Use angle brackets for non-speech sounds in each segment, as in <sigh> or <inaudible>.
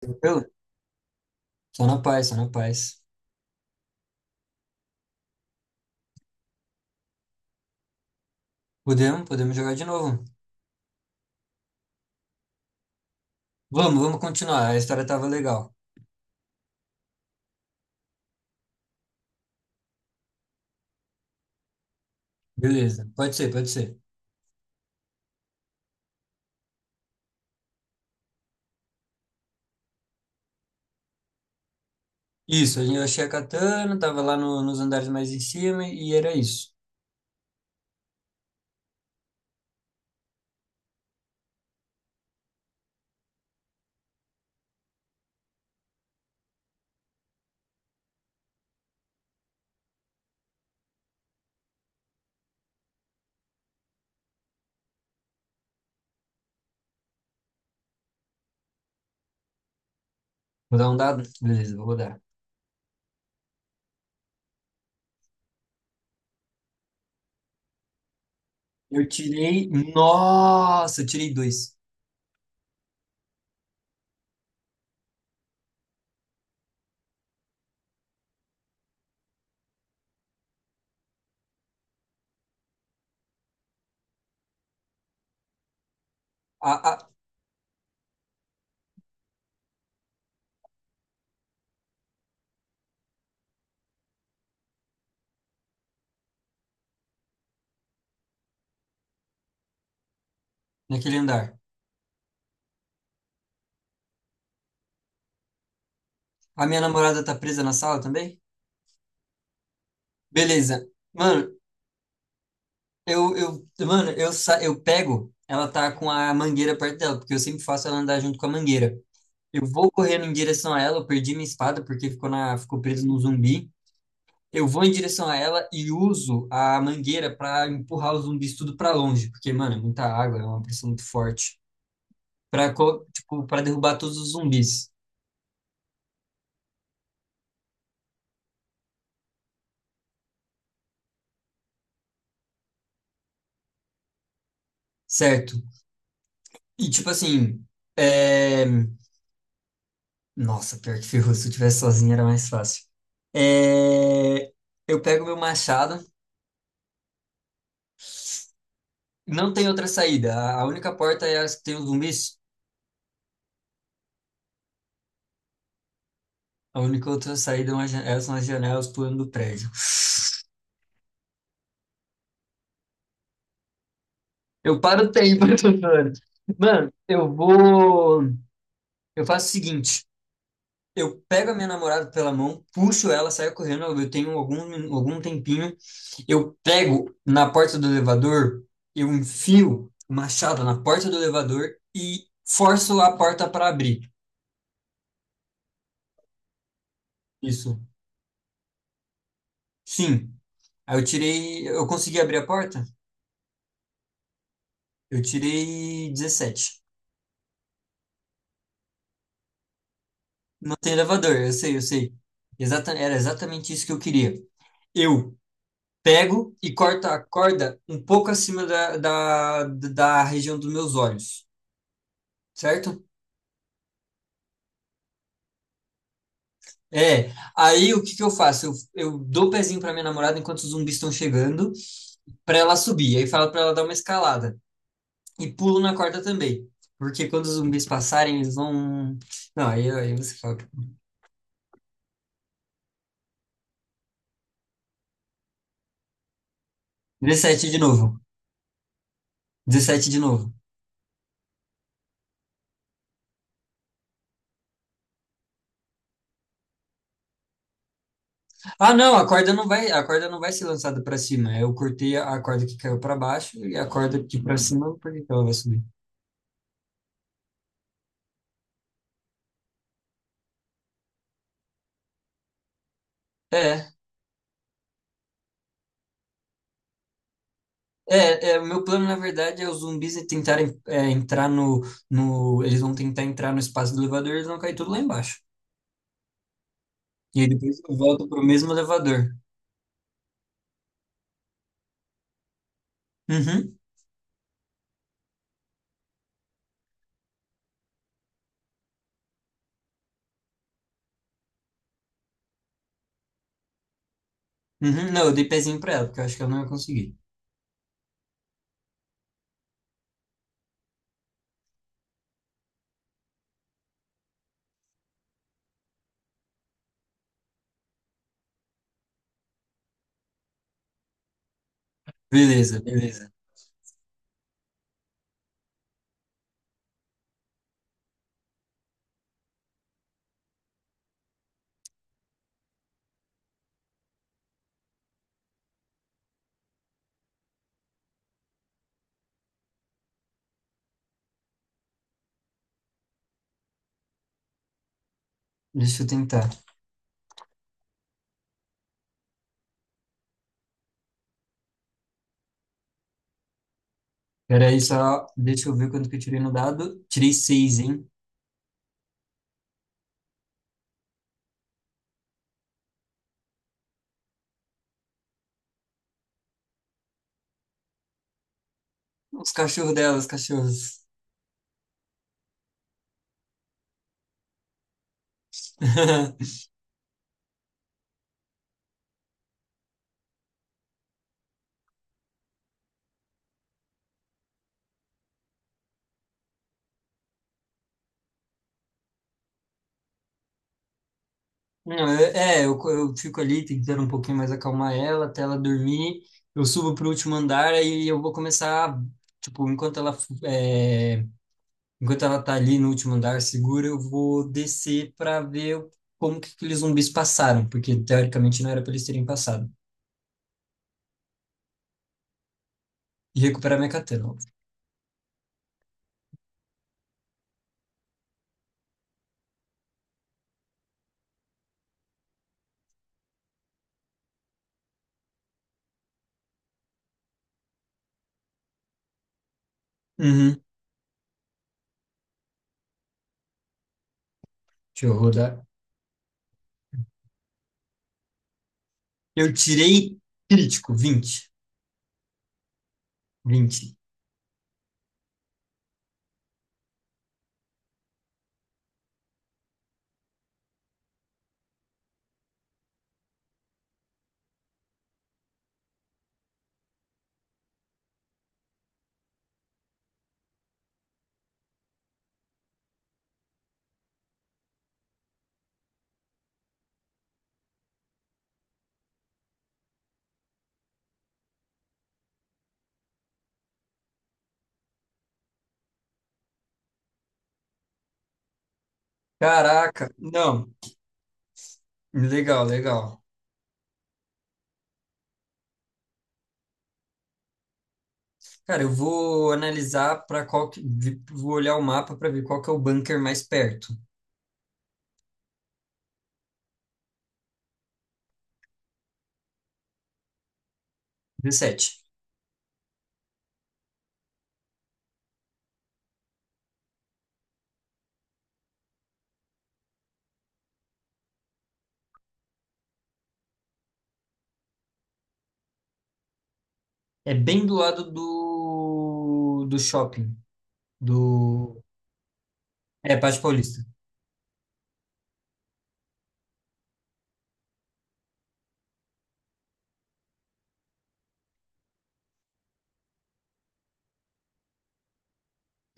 Tranquilo? Só na paz, só na paz. Podemos jogar de novo. Vamos continuar. A história tava legal. Beleza, pode ser, pode ser. Isso, eu achei a katana, tava lá nos andares mais em cima e era isso. Vou dar um dado? Beleza, vou rodar. Eu tirei. Nossa, eu tirei dois. Ah, ah, naquele andar. A minha namorada tá presa na sala também? Beleza. Mano, eu pego. Ela tá com a mangueira perto dela, porque eu sempre faço ela andar junto com a mangueira. Eu vou correndo em direção a ela, eu perdi minha espada porque ficou ficou preso no zumbi. Eu vou em direção a ela e uso a mangueira para empurrar os zumbis tudo para longe, porque, mano, é muita água, é uma pressão muito forte, para para derrubar todos os zumbis, certo? E tipo assim, é... nossa, pior que ferrou, se eu tivesse sozinho era mais fácil. É... Eu pego meu machado, não tem outra saída, a única porta é as que tem os zumbis. A única outra saída é uma são as janelas pulando do prédio. Eu paro o tempo, <laughs> eu tô falando. Mano, eu vou. Eu faço o seguinte: eu pego a minha namorada pela mão, puxo ela, saio correndo. Eu tenho algum tempinho. Eu pego na porta do elevador, eu enfio o machado na porta do elevador e forço a porta para abrir. Isso. Sim. Aí eu tirei. Eu consegui abrir a porta? Eu tirei 17. Não tem elevador, eu sei, eu sei. Exata, era exatamente isso que eu queria. Eu pego e corto a corda um pouco acima da região dos meus olhos, certo? É. Aí o que que eu faço? Eu dou o pezinho para minha namorada enquanto os zumbis estão chegando, para ela subir. Aí falo para ela dar uma escalada. E pulo na corda também. Porque quando os zumbis passarem, eles vão. Não, aí você fala. 17 de novo. 17 de novo. Ah, não, a corda não vai ser lançada para cima. Eu cortei a corda que caiu para baixo e a corda que para cima, por que que ela vai subir? É, o meu plano, na verdade, é os zumbis tentarem entrar no. Eles vão tentar entrar no espaço do elevador, eles vão cair tudo lá embaixo. E aí depois eu volto pro mesmo elevador. Uhum, uhum. Não, eu dei pezinho pra ela, porque eu acho que ela não ia conseguir. Beleza, beleza. Deixa eu tentar. Peraí, só. Deixa eu ver quanto que eu tirei no dado. Tirei seis, hein? Os cachorros dela, os cachorros. <laughs> Não, É, eu fico ali tentando um pouquinho mais acalmar ela até ela dormir. Eu subo pro último andar, aí eu vou começar, tipo, enquanto enquanto ela tá ali no último andar segura, eu vou descer para ver como que aqueles zumbis passaram, porque teoricamente não era para eles terem passado. E recuperar minha catena, óbvio. Uhum, deixa eu rodar. Eu tirei crítico, 20, 20. Caraca, não, legal, legal. Cara, eu vou analisar para qual que, vou olhar o mapa para ver qual que é o bunker mais perto. 17. É bem do lado do shopping, do é Pátio Paulista.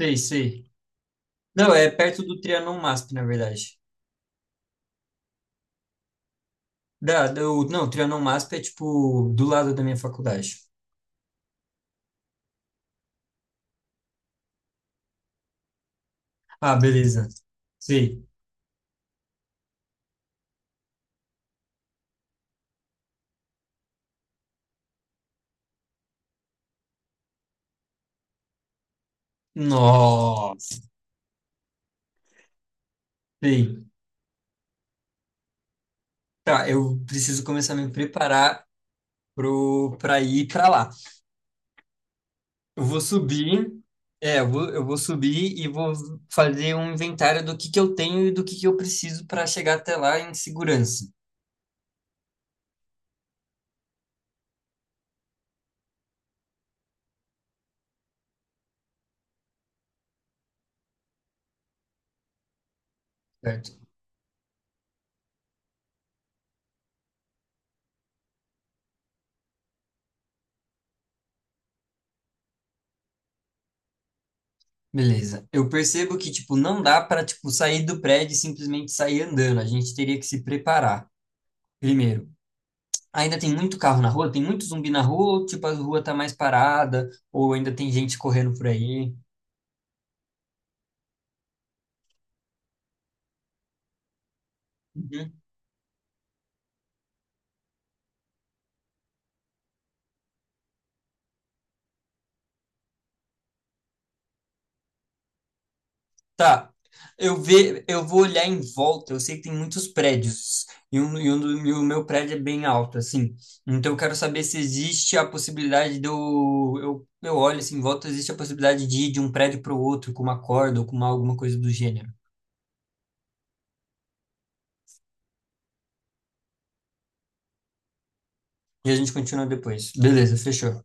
Sei, sei. Não, é perto do Trianon MASP, na verdade. Não, o Trianon MASP é tipo do lado da minha faculdade. Ah, beleza. Sei. Nossa. Sei. Tá, eu preciso começar a me preparar pro para ir para lá. Eu vou subir, eu vou subir e vou fazer um inventário do que eu tenho e do que eu preciso para chegar até lá em segurança, certo? Beleza. Eu percebo que, tipo, não dá para, tipo, sair do prédio e simplesmente sair andando. A gente teria que se preparar, primeiro. Ainda tem muito carro na rua? Tem muito zumbi na rua? Ou, tipo, a rua tá mais parada? Ou ainda tem gente correndo por aí? Uhum. Tá. Eu vou olhar em volta. Eu sei que tem muitos prédios e o meu prédio é bem alto, assim. Então eu quero saber se existe a possibilidade de eu olho assim em volta, existe a possibilidade de ir de um prédio para o outro com uma corda ou com alguma coisa do gênero. E a gente continua depois. Beleza, fechou.